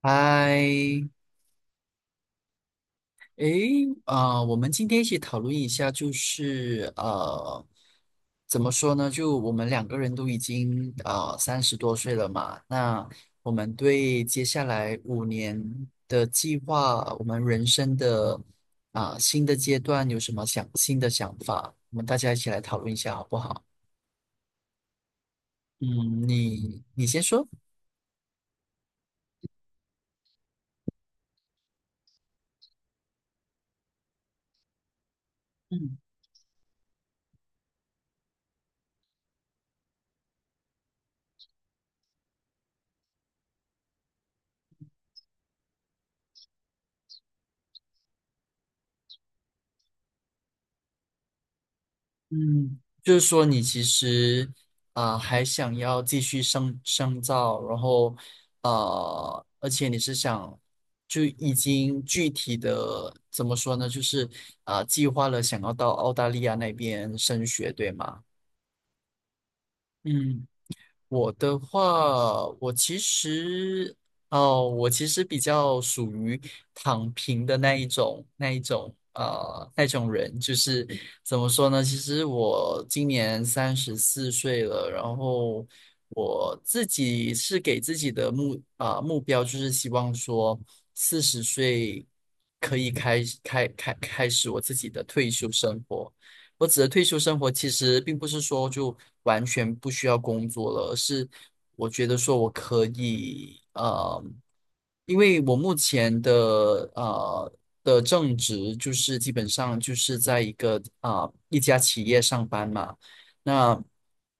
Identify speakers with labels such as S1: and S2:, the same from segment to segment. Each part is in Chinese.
S1: 嗨，诶，我们今天一起讨论一下，就是怎么说呢？就我们两个人都已经30多岁了嘛，那我们对接下来五年的计划，我们人生的新的阶段有什么新的想法？我们大家一起来讨论一下，好不好？嗯，你先说。嗯。嗯，就是说你其实还想要继续深造，然后而且你是想就已经具体的怎么说呢？就是计划了想要到澳大利亚那边升学，对吗？嗯。我的话，我其实哦，我其实比较属于躺平的那一种，那种人，就是怎么说呢？其实我今年34岁了，然后我自己是给自己的目标，就是希望说四十岁可以开始我自己的退休生活。我指的退休生活，其实并不是说就完全不需要工作了，而是我觉得说我可以，因为我目前的呃的正职就是基本上就是在一个一家企业上班嘛，那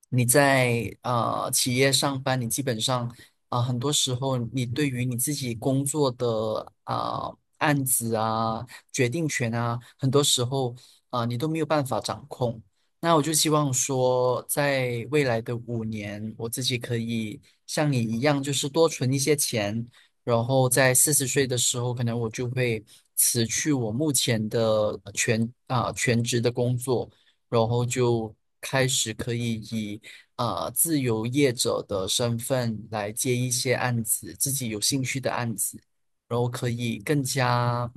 S1: 你在企业上班，你基本上。啊，很多时候你对于你自己工作的案子啊、决定权啊，很多时候啊，你都没有办法掌控。那我就希望说，在未来的五年，我自己可以像你一样，就是多存一些钱，然后在四十岁的时候，可能我就会辞去我目前的全职的工作，然后就开始可以以自由业者的身份来接一些案子，自己有兴趣的案子，然后可以更加。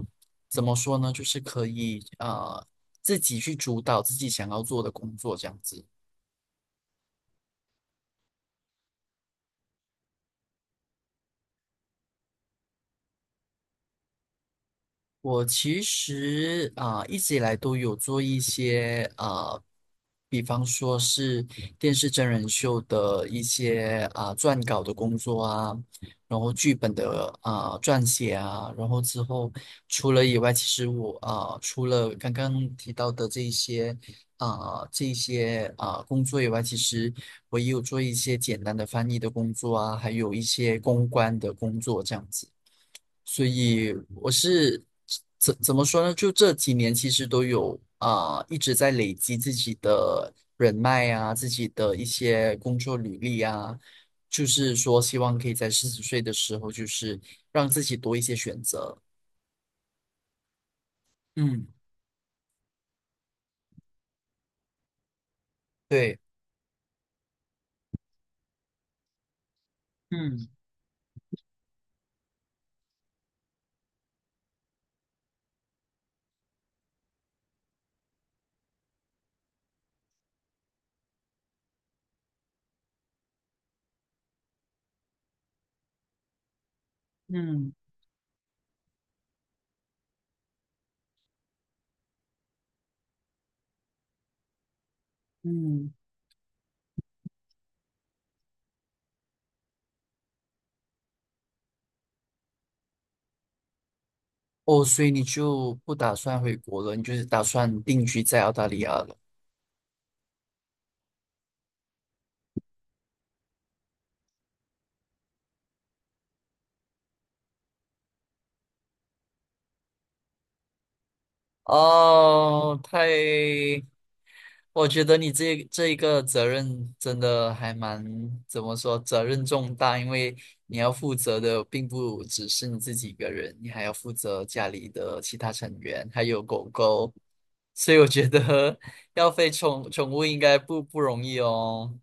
S1: 怎么说呢？就是可以自己去主导自己想要做的工作这样子。我其实一直以来都有做一些比方说是电视真人秀的一些撰稿的工作啊，然后剧本的撰写啊，然后之后除了以外，其实我除了刚刚提到的这一些工作以外，其实我也有做一些简单的翻译的工作啊，还有一些公关的工作这样子。所以我是怎么说呢？就这几年其实都有一直在累积自己的人脉啊，自己的一些工作履历啊，就是说希望可以在四十岁的时候，就是让自己多一些选择。嗯对，嗯嗯嗯，哦，所以你就不打算回国了，你就是打算定居在澳大利亚了。哦，太我觉得你这一个责任真的还蛮，怎么说，责任重大，因为你要负责的并不只是你自己一个人，你还要负责家里的其他成员，还有狗狗，所以我觉得 要飞宠物应该不容易哦，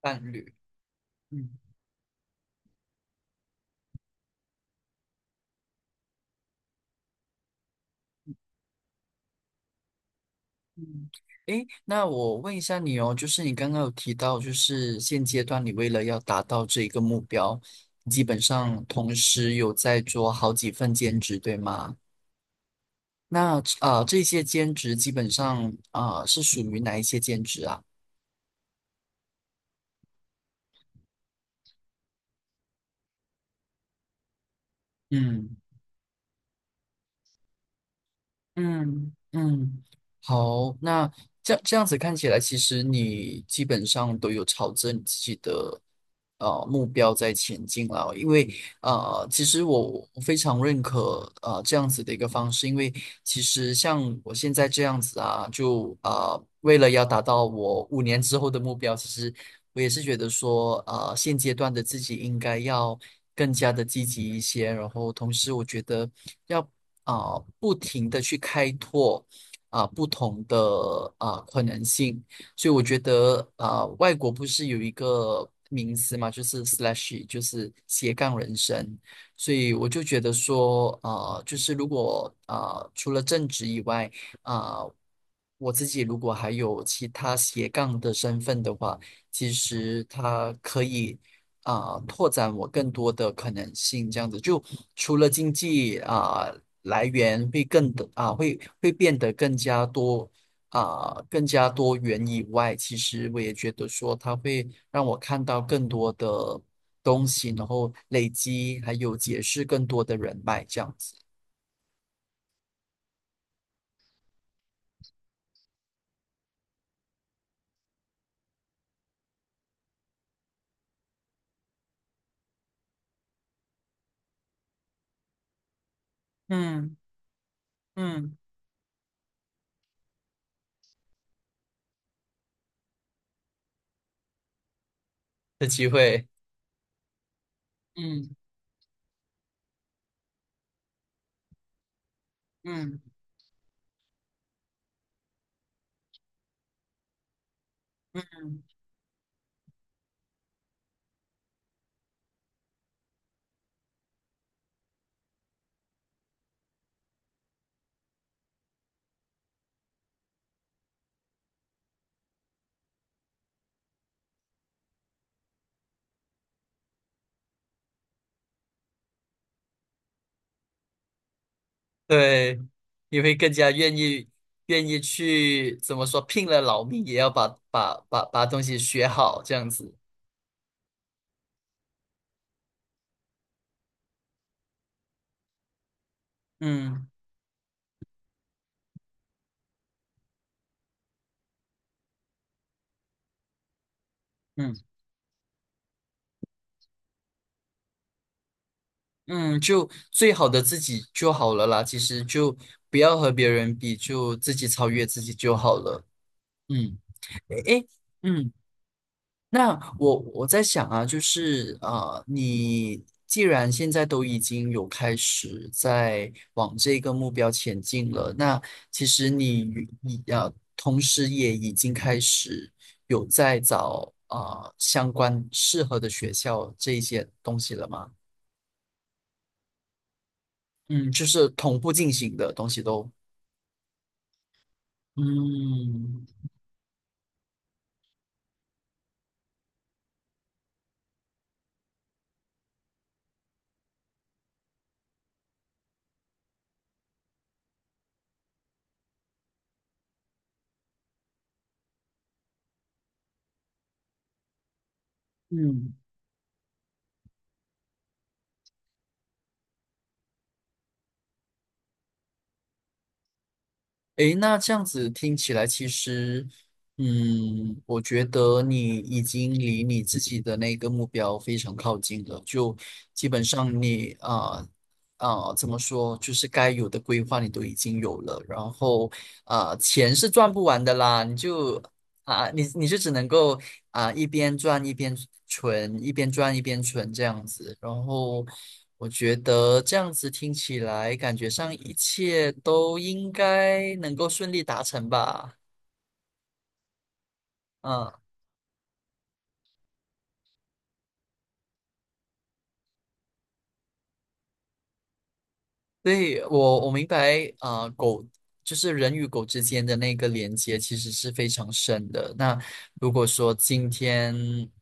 S1: 伴侣。嗯嗯，诶，那我问一下你哦，就是你刚刚有提到，就是现阶段你为了要达到这一个目标，基本上同时有在做好几份兼职，对吗？那这些兼职基本上是属于哪一些兼职啊？嗯。嗯嗯，好，那这样子看起来，其实你基本上都有朝着你自己的目标在前进了。因为其实我非常认可这样子的一个方式，因为其实像我现在这样子啊，就为了要达到我五年之后的目标，其实我也是觉得说，现阶段的自己应该要更加的积极一些。然后同时，我觉得要不停的去开拓不同的可能性。所以我觉得外国不是有一个名词嘛，就是 slash，就是斜杠人生。所以我就觉得说，啊就是如果啊，除了正职以外，啊、我自己如果还有其他斜杠的身份的话，其实他可以拓展我更多的可能性，这样子就除了经济啊、来源会变得更加多更加多元以外，其实我也觉得说它会让我看到更多的东西，然后累积还有结识更多的人脉，这样子嗯嗯的机会。嗯嗯嗯。对，你会更加愿意去怎么说，拼了老命也要把东西学好，这样子。嗯嗯嗯，就最好的自己就好了啦。其实就不要和别人比，就自己超越自己就好了。嗯，诶诶，嗯。那我在想啊，就是你既然现在都已经有开始在往这个目标前进了，那其实你与你同时也已经开始有在找啊相关适合的学校这一些东西了吗？嗯，就是同步进行的东西都。嗯嗯。诶，那这样子听起来，其实，嗯，我觉得你已经离你自己的那个目标非常靠近了。就基本上你怎么说，就是该有的规划你都已经有了。然后钱是赚不完的啦，你就啊，你就只能够啊一边赚一边存，一边赚一边存这样子。然后我觉得这样子听起来，感觉上一切都应该能够顺利达成吧。嗯，对，我明白啊，狗就是人与狗之间的那个连接其实是非常深的。那如果说今天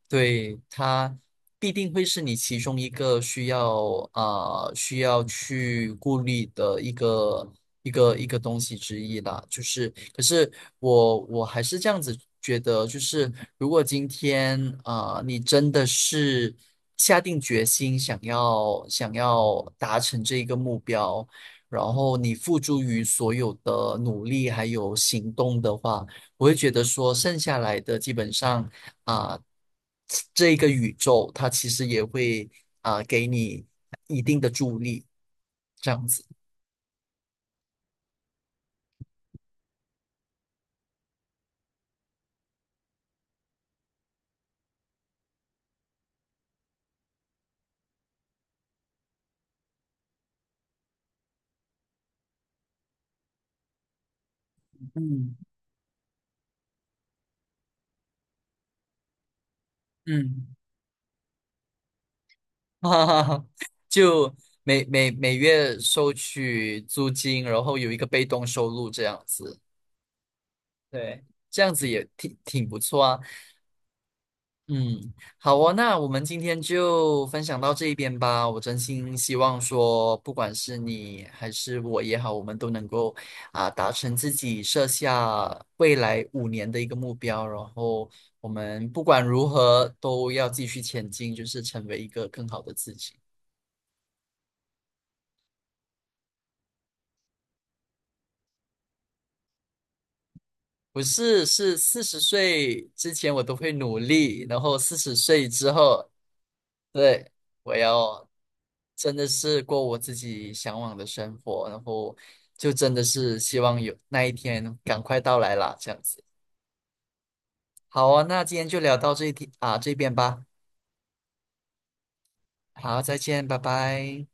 S1: 对它必定会是你其中一个需要需要去顾虑的一个东西之一啦。就是，可是我还是这样子觉得，就是如果今天你真的是下定决心想要达成这一个目标。然后你付诸于所有的努力还有行动的话，我会觉得说剩下来的基本上啊，这个宇宙它其实也会给你一定的助力，这样子。嗯嗯，哈哈哈，就每月收取租金，然后有一个被动收入这样子，对，这样子也挺不错啊。嗯，好哦，那我们今天就分享到这一边吧。我真心希望说，不管是你还是我也好，我们都能够达成自己设下未来五年的一个目标，然后我们不管如何都要继续前进，就是成为一个更好的自己。不是，是四十岁之前我都会努力，然后四十岁之后。对，我要真的是过我自己向往的生活，然后就真的是希望有那一天赶快到来啦，这样子。好啊，那今天就聊到这一天啊，这边吧。好，再见，拜拜。